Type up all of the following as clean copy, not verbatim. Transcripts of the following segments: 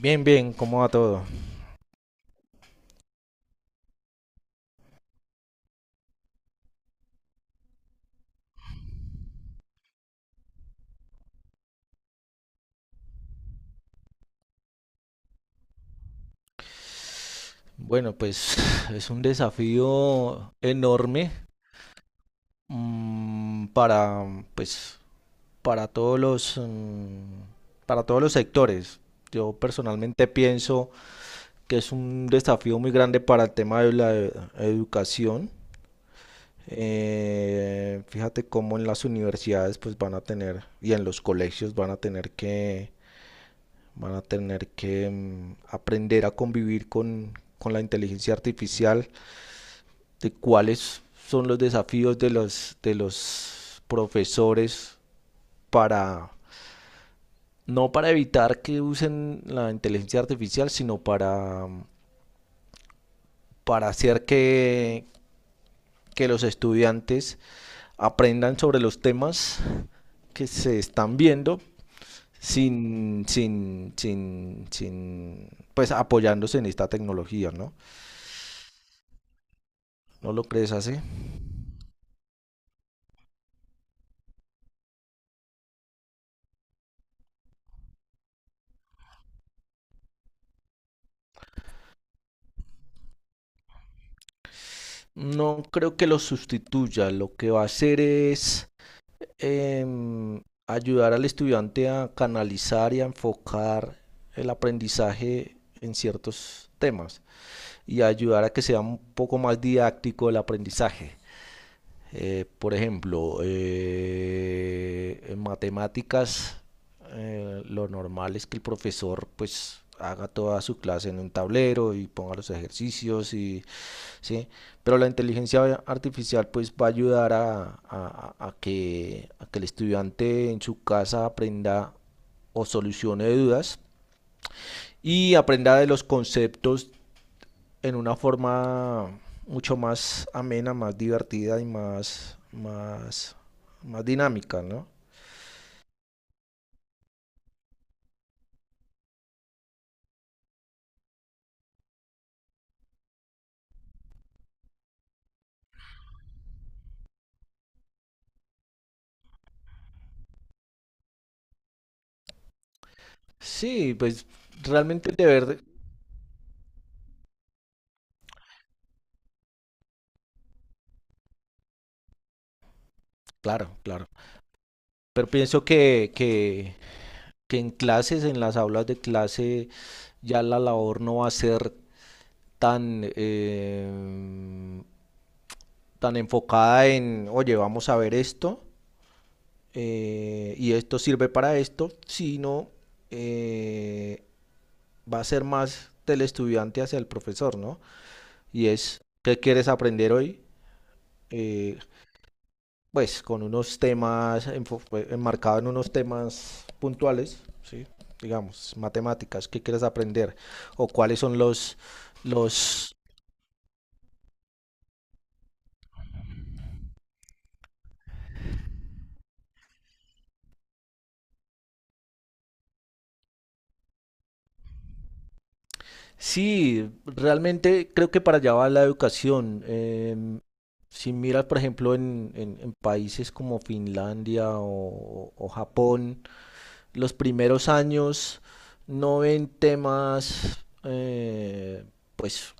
Bien, bien, ¿cómo va todo? Bueno, pues es un desafío enorme para, pues, para todos los, para todos los sectores. Yo personalmente pienso que es un desafío muy grande para el tema de la educación. Fíjate cómo en las universidades pues van a tener y en los colegios van a tener que van a tener que aprender a convivir con la inteligencia artificial, de cuáles son los desafíos de los profesores para, no para evitar que usen la inteligencia artificial, sino para, para hacer que los estudiantes aprendan sobre los temas que se están viendo sin pues apoyándose en esta tecnología, ¿no? ¿No lo crees así? No creo que lo sustituya. Lo que va a hacer es em, ayudar al estudiante a canalizar y a enfocar el aprendizaje en ciertos temas y ayudar a que sea un poco más didáctico el aprendizaje. Por ejemplo, en matemáticas, lo normal es que el profesor pues haga toda su clase en un tablero y ponga los ejercicios y sí, pero la inteligencia artificial pues va a ayudar a, que, a que el estudiante en su casa aprenda o solucione dudas y aprenda de los conceptos en una forma mucho más amena, más divertida y más dinámica, ¿no? Sí, pues realmente el deber, claro, claro. Pero pienso que en clases, en las aulas de clase, ya la labor no va a ser tan, tan enfocada en, oye, vamos a ver esto y esto sirve para esto, sino eh, va a ser más del estudiante hacia el profesor, ¿no? Y es, ¿qué quieres aprender hoy? Eh, pues con unos temas, enmarcado en unos temas puntuales, ¿sí? Digamos, matemáticas, ¿qué quieres aprender? O cuáles son los... Sí, realmente creo que para allá va la educación. Si miras, por ejemplo, en, en países como Finlandia o Japón, los primeros años no ven temas pues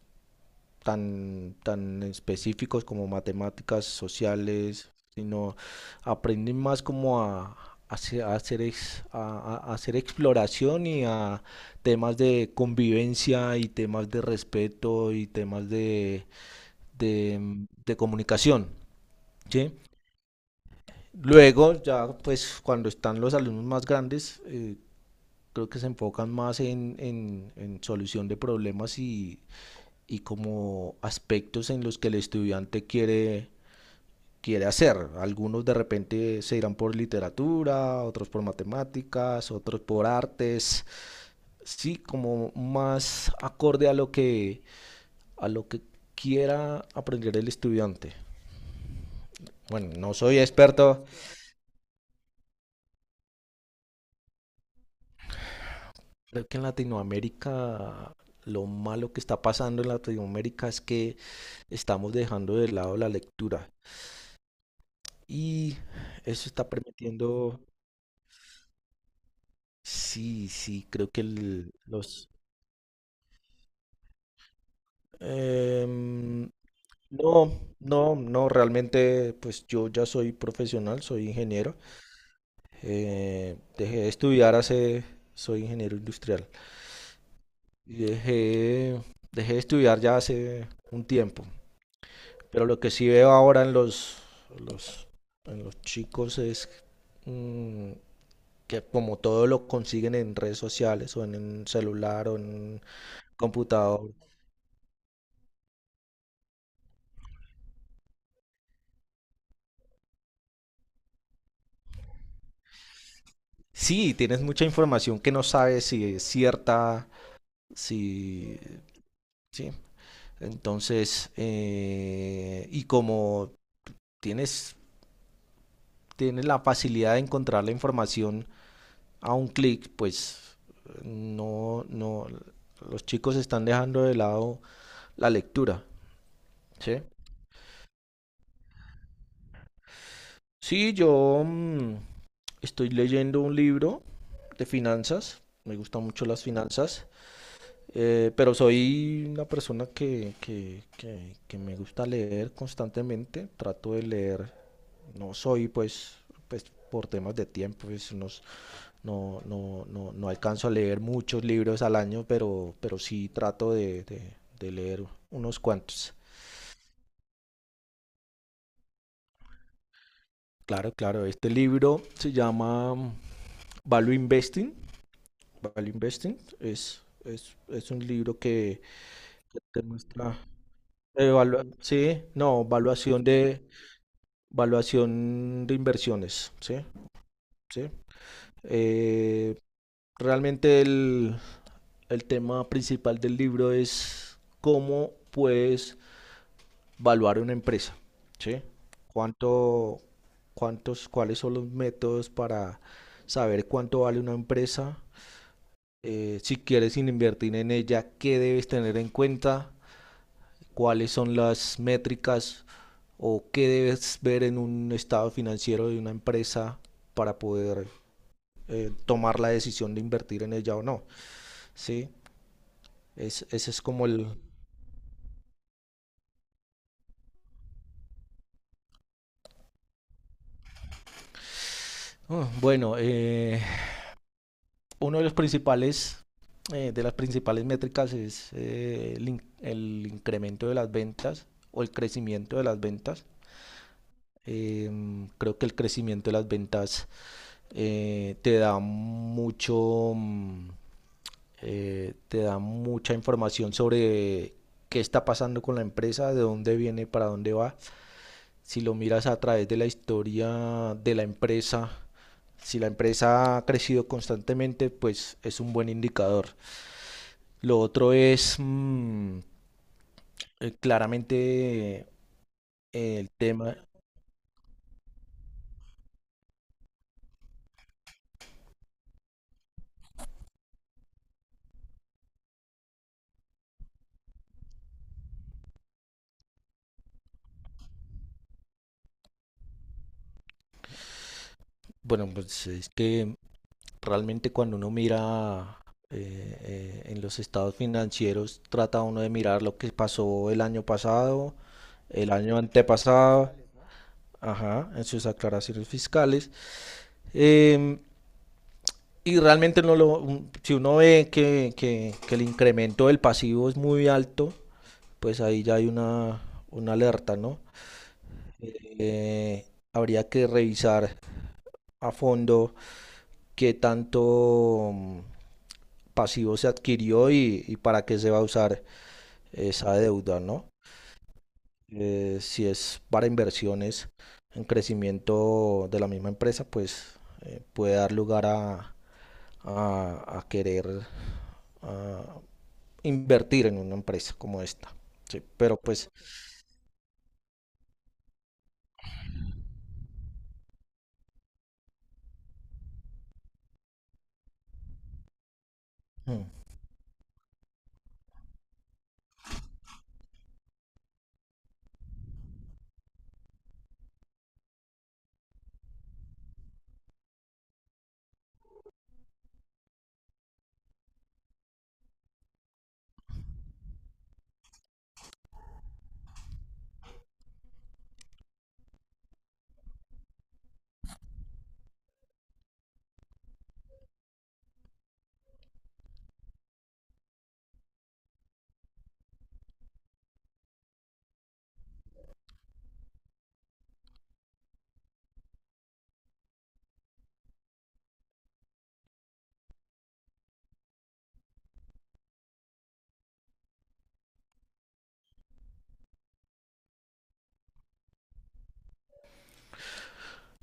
tan, tan específicos como matemáticas sociales, sino aprenden más como a hacer hacer exploración y a temas de convivencia y temas de respeto y temas de comunicación, ¿sí? Luego, ya pues cuando están los alumnos más grandes, creo que se enfocan más en, en solución de problemas y como aspectos en los que el estudiante quiere hacer. Algunos de repente se irán por literatura, otros por matemáticas, otros por artes. Sí, como más acorde a lo que quiera aprender el estudiante. Bueno, no soy experto. Creo que en Latinoamérica lo malo que está pasando en Latinoamérica es que estamos dejando de lado la lectura. Y eso está permitiendo, sí, sí, creo que los... em, no, no, no, realmente pues yo ya soy profesional, soy ingeniero. Dejé de estudiar hace, soy ingeniero industrial. Y dejé de estudiar ya hace un tiempo. Pero lo que sí veo ahora en los, en los chicos es mm, que como todo lo consiguen en redes sociales o en un celular o en computador. Sí, tienes mucha información que no sabes si es cierta, si... Sí. Entonces, y como tienes, tienes la facilidad de encontrar la información a un clic, pues no, no, los chicos están dejando de lado la lectura, ¿sí? Sí, yo estoy leyendo un libro de finanzas, me gustan mucho las finanzas. Pero soy una persona que me gusta leer constantemente, trato de leer, no soy pues, pues por temas de tiempo, pues, no, no, no, no alcanzo a leer muchos libros al año, pero sí trato de, de leer unos cuantos. Claro, claro, este libro se llama Value Investing. Value Investing es un libro que te muestra... sí, no, evaluación de, valuación de inversiones, ¿sí? ¿Sí? Eh, Realmente el tema principal del libro es cómo puedes valuar una empresa, ¿sí? ¿Cuánto, ¿cuáles son los métodos para saber cuánto vale una empresa? Si quieres invertir en ella, ¿qué debes tener en cuenta? ¿Cuáles son las métricas o qué debes ver en un estado financiero de una empresa para poder tomar la decisión de invertir en ella o no. ¿Sí? Es, ese es como el... Oh, bueno, uno de los principales... De las principales métricas es el incremento de las ventas o el crecimiento de las ventas. Eh, Creo que el crecimiento de las ventas te da mucho, te da mucha información sobre qué está pasando con la empresa, de dónde viene, para dónde va. Si lo miras a través de la historia de la empresa, si la empresa ha crecido constantemente, pues es un buen indicador. Lo otro es claramente eh, el tema, bueno, pues es que realmente cuando uno mira eh, en los estados financieros, trata uno de mirar lo que pasó el año pasado, el año antepasado, ajá, en sus aclaraciones fiscales. Em, Y realmente no lo, si uno ve que el incremento del pasivo es muy alto, pues ahí ya hay una alerta, ¿no? Eh, Habría que revisar a fondo qué tanto pasivo se adquirió y para qué se va a usar esa deuda, ¿no? Si es para inversiones en crecimiento de la misma empresa, pues puede dar lugar a, a querer a invertir en una empresa como esta. Sí, pero pues, mm,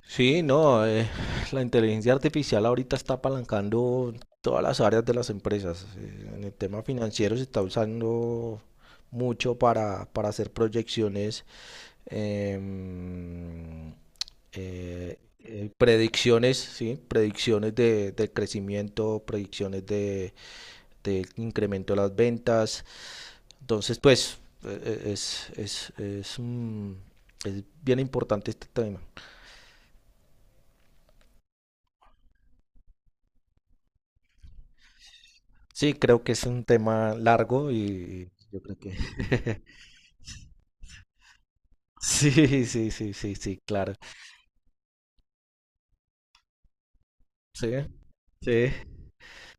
sí, no, la inteligencia artificial ahorita está apalancando todas las áreas de las empresas. En el tema financiero se está usando mucho para hacer proyecciones, em, predicciones, ¿sí? Predicciones de crecimiento, predicciones de incremento de las ventas. Entonces, pues, e, e, es, es, es, un- es bien importante este tema. Sí, creo que es un tema largo y yo creo que... Sí, sí, sí, sí, sí, claro. Sí, sí,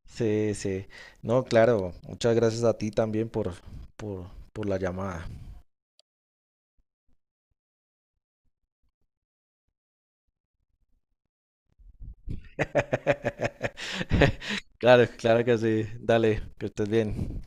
sí, sí. No, claro, muchas gracias a ti también por la llamada. Claro, claro que sí. Dale, que estés bien.